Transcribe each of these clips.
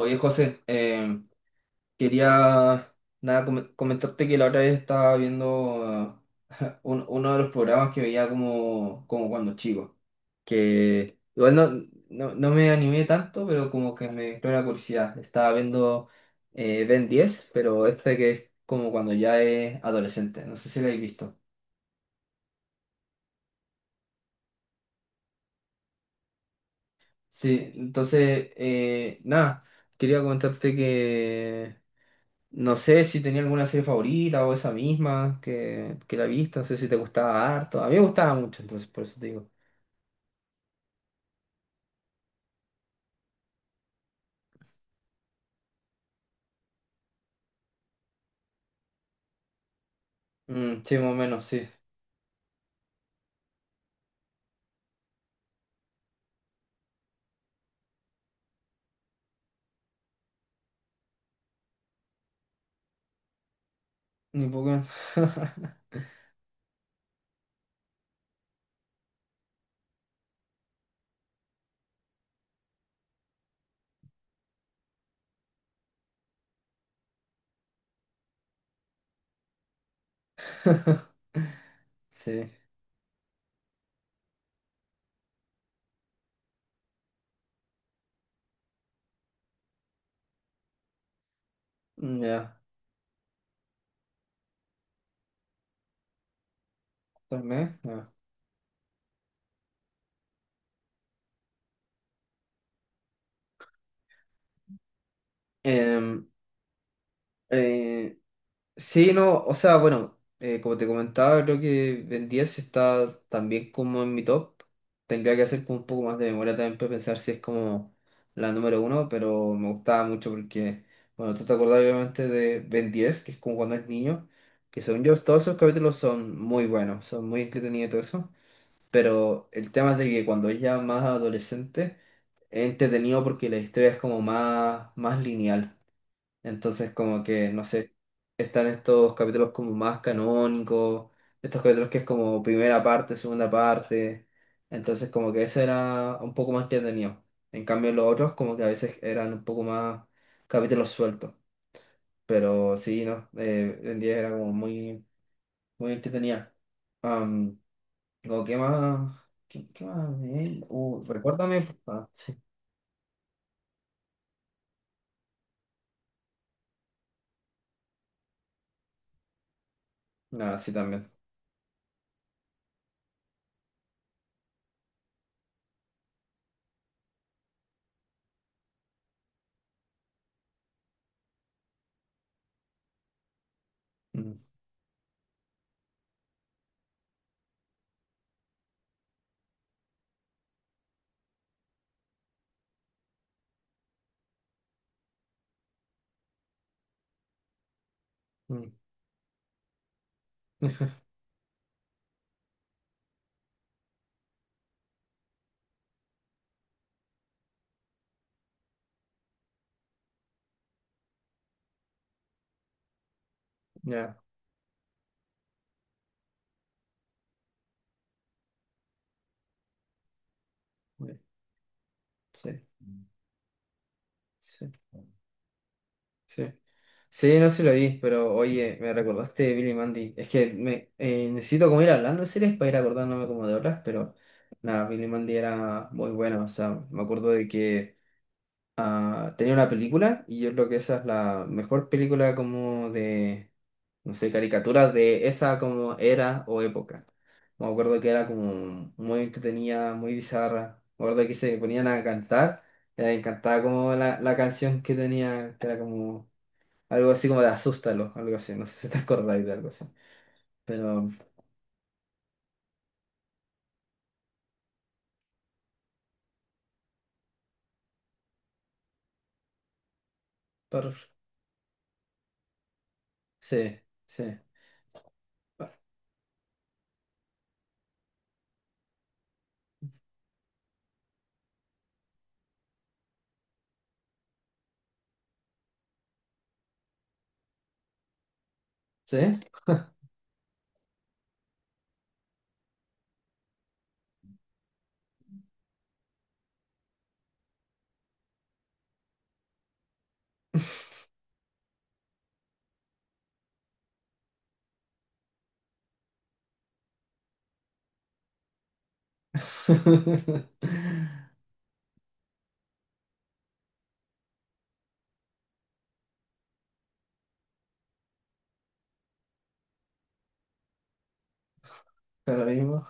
Oye, José, quería nada, com- comentarte que la otra vez estaba viendo uno de los programas que veía como, como cuando chico, que igual no me animé tanto, pero como que me entró la curiosidad. Estaba viendo Ben 10, pero este que es como cuando ya es adolescente, no sé si lo habéis visto. Sí, entonces, nada, quería comentarte que... No sé si tenía alguna serie favorita o esa misma que la he visto. No sé si te gustaba harto. A mí me gustaba mucho, entonces por eso te digo. Mm, sí, más o menos, sí. Ni Pokémon. Sí. Mm, ya. Tal vez, ya. Em, eh, Sí, no, o sea, bueno, como te comentaba, creo que Ben 10 está también como en mi top. Tendría que hacer como un poco más de memoria también para pensar si es como la número uno, pero me gustaba mucho porque, bueno, tú te acordás obviamente de Ben 10, que es como cuando es niño, que según yo todos esos capítulos son muy buenos, son muy entretenidos y todo eso, pero el tema es de que cuando es ya más adolescente, es entretenido porque la historia es como más lineal. Entonces, como que, no sé, están estos capítulos como más canónicos, estos capítulos que es como primera parte, segunda parte. Entonces, como que ese era un poco más entretenido. En cambio, los otros, como que a veces eran un poco más capítulos sueltos. Pero sí, no, en 10 era como muy, muy entretenida. Am, como, ¿qué más? ¿Qué, qué más? Vi? Recuérdame. Ah, sí. Ah, sí, también. Mm, mm. Ya, sí, sí. Sí. Sí, no se lo vi, pero oye, me recordaste de Billy Mandy. Es que necesito como ir hablando de series para ir acordándome como de otras, pero nada, Billy Mandy era muy bueno. O sea, me acuerdo de que tenía una película y yo creo que esa es la mejor película como de, no sé, caricaturas de esa como era o época. Me acuerdo que era como muy entretenida, muy bizarra. Me acuerdo que se ponían a cantar, me encantaba como la canción que tenía, que era como... Algo así como de asústalo, algo así. No sé si te acordáis de algo así. Pero, por- sí, sí, sí. Pero lo mismo.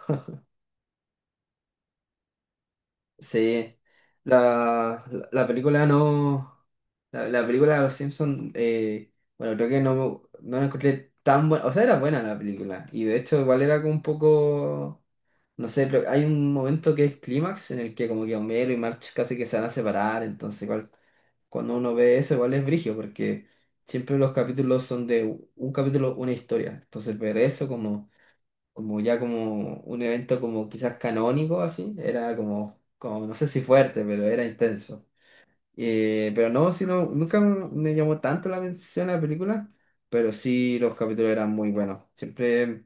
Sí. La película no. La película de Los Simpsons, bueno, creo que no, no la encontré tan buena. O sea, era buena la película. Y de hecho, igual era como un poco. No sé, pero hay un momento que es clímax en el que como que Homero y March casi que se van a separar, entonces igual cuando uno ve eso igual es brigio, porque siempre los capítulos son de un capítulo, una historia. Entonces ver eso como, como ya como un evento como quizás canónico así, era como, como no sé si fuerte, pero era intenso. Pero no, sino, nunca me llamó tanto la atención la película, pero sí los capítulos eran muy buenos. Siempre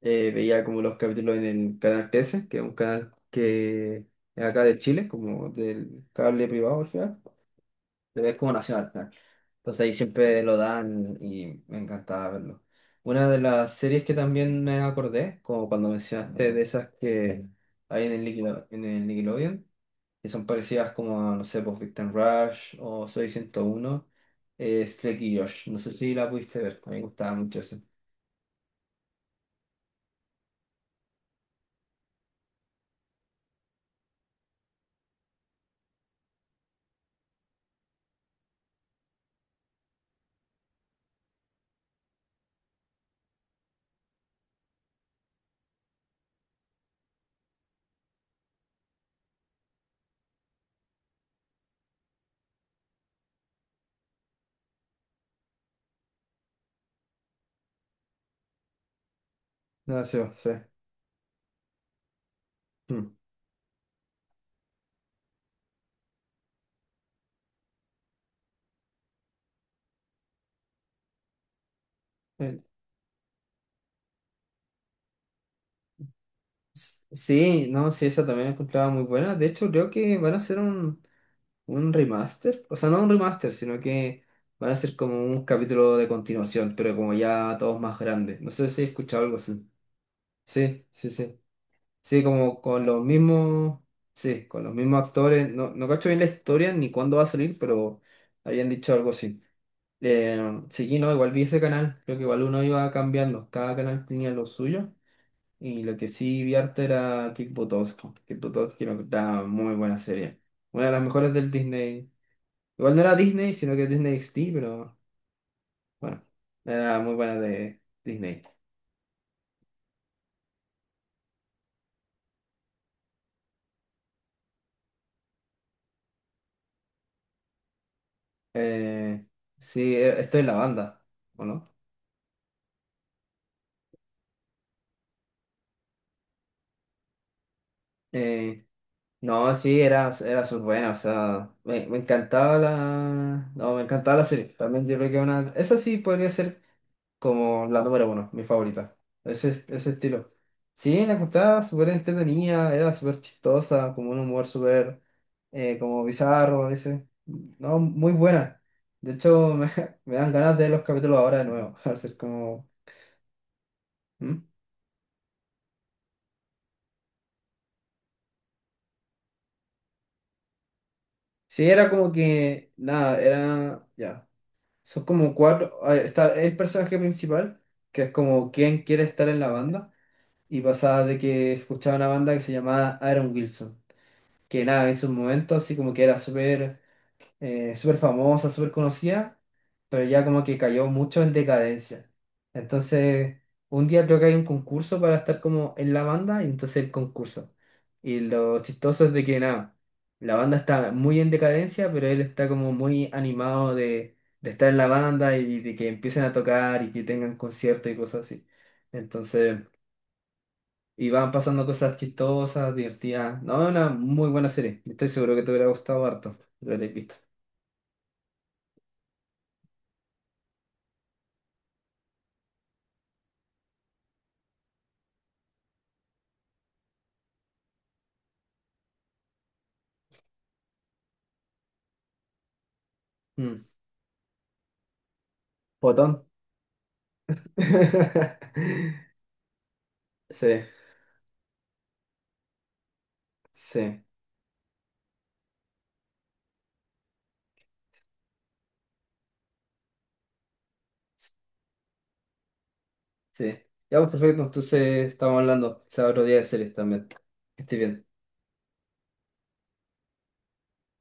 veía como los capítulos en el canal 13, que es un canal que es acá de Chile, como del cable privado al final, pero es como nacional. Entonces ahí siempre lo dan y me encantaba verlo. Una de las series que también me acordé, como cuando mencionaste de esas que hay en el en el Nickelodeon, que son parecidas como, no sé, pues Victim Rush o Soy 101, es Drake y Josh. No sé si la pudiste ver, a mí me gustaba mucho esa. Ah, sí, sí. Mm. Eh, Sí, no, sí, esa también la encontraba muy buena. De hecho, creo que van a hacer un remaster, o sea, no un remaster, sino que van a ser como un capítulo de continuación, pero como ya todos más grandes. No sé si he escuchado algo así. Sí, sí, sí. Sí, como con los mismos, sí, con los mismos actores. No, no cacho bien la historia ni cuándo va a salir, pero habían dicho algo así. Eh, sí, no, igual vi ese canal, creo que igual uno iba cambiando, cada canal tenía lo suyo. Y lo que sí vi harto era Kick Buttowski. Kick Buttowski era una muy buena serie. Una de las mejores del Disney. Igual no era Disney, sino que Disney XD, pero bueno, era muy buena de Disney. Eh, sí, estoy en la banda, ¿o no? Eh, no, sí, era, era súper buena, o sea, me encantaba la... No, me encantaba la serie. También yo creo que una... Esa sí podría ser como la número uno, mi favorita. Ese estilo. Sí, la encontraba súper entretenida, era súper chistosa, como un humor súper como bizarro a veces. No, muy buena. De hecho, me, me dan ganas de ver los capítulos ahora de nuevo. Hacer como. ¿Mm? Sí, era como que. Nada, era. Ya. Son como cuatro. Ah, está el personaje principal, que es como quien quiere estar en la banda. Y pasaba de que escuchaba una banda que se llamaba Aaron Wilson. Que nada, en sus momentos así como que era súper súper famosa, súper conocida, pero ya como que cayó mucho en decadencia. Entonces, un día creo que hay un concurso para estar como en la banda, y entonces el concurso. Y lo chistoso es de que nada, la banda está muy en decadencia, pero él está como muy animado de estar en la banda y de que empiecen a tocar y que tengan conciertos y cosas así. Entonces... Y van pasando cosas chistosas, divertidas. No, es una muy buena serie. Estoy seguro que te hubiera gustado harto. Lo habréis visto. Mm. Botón. Sí, sí. Sí. Ya, pues perfecto. Entonces estamos hablando. Sea otro día de series también. Que estés bien.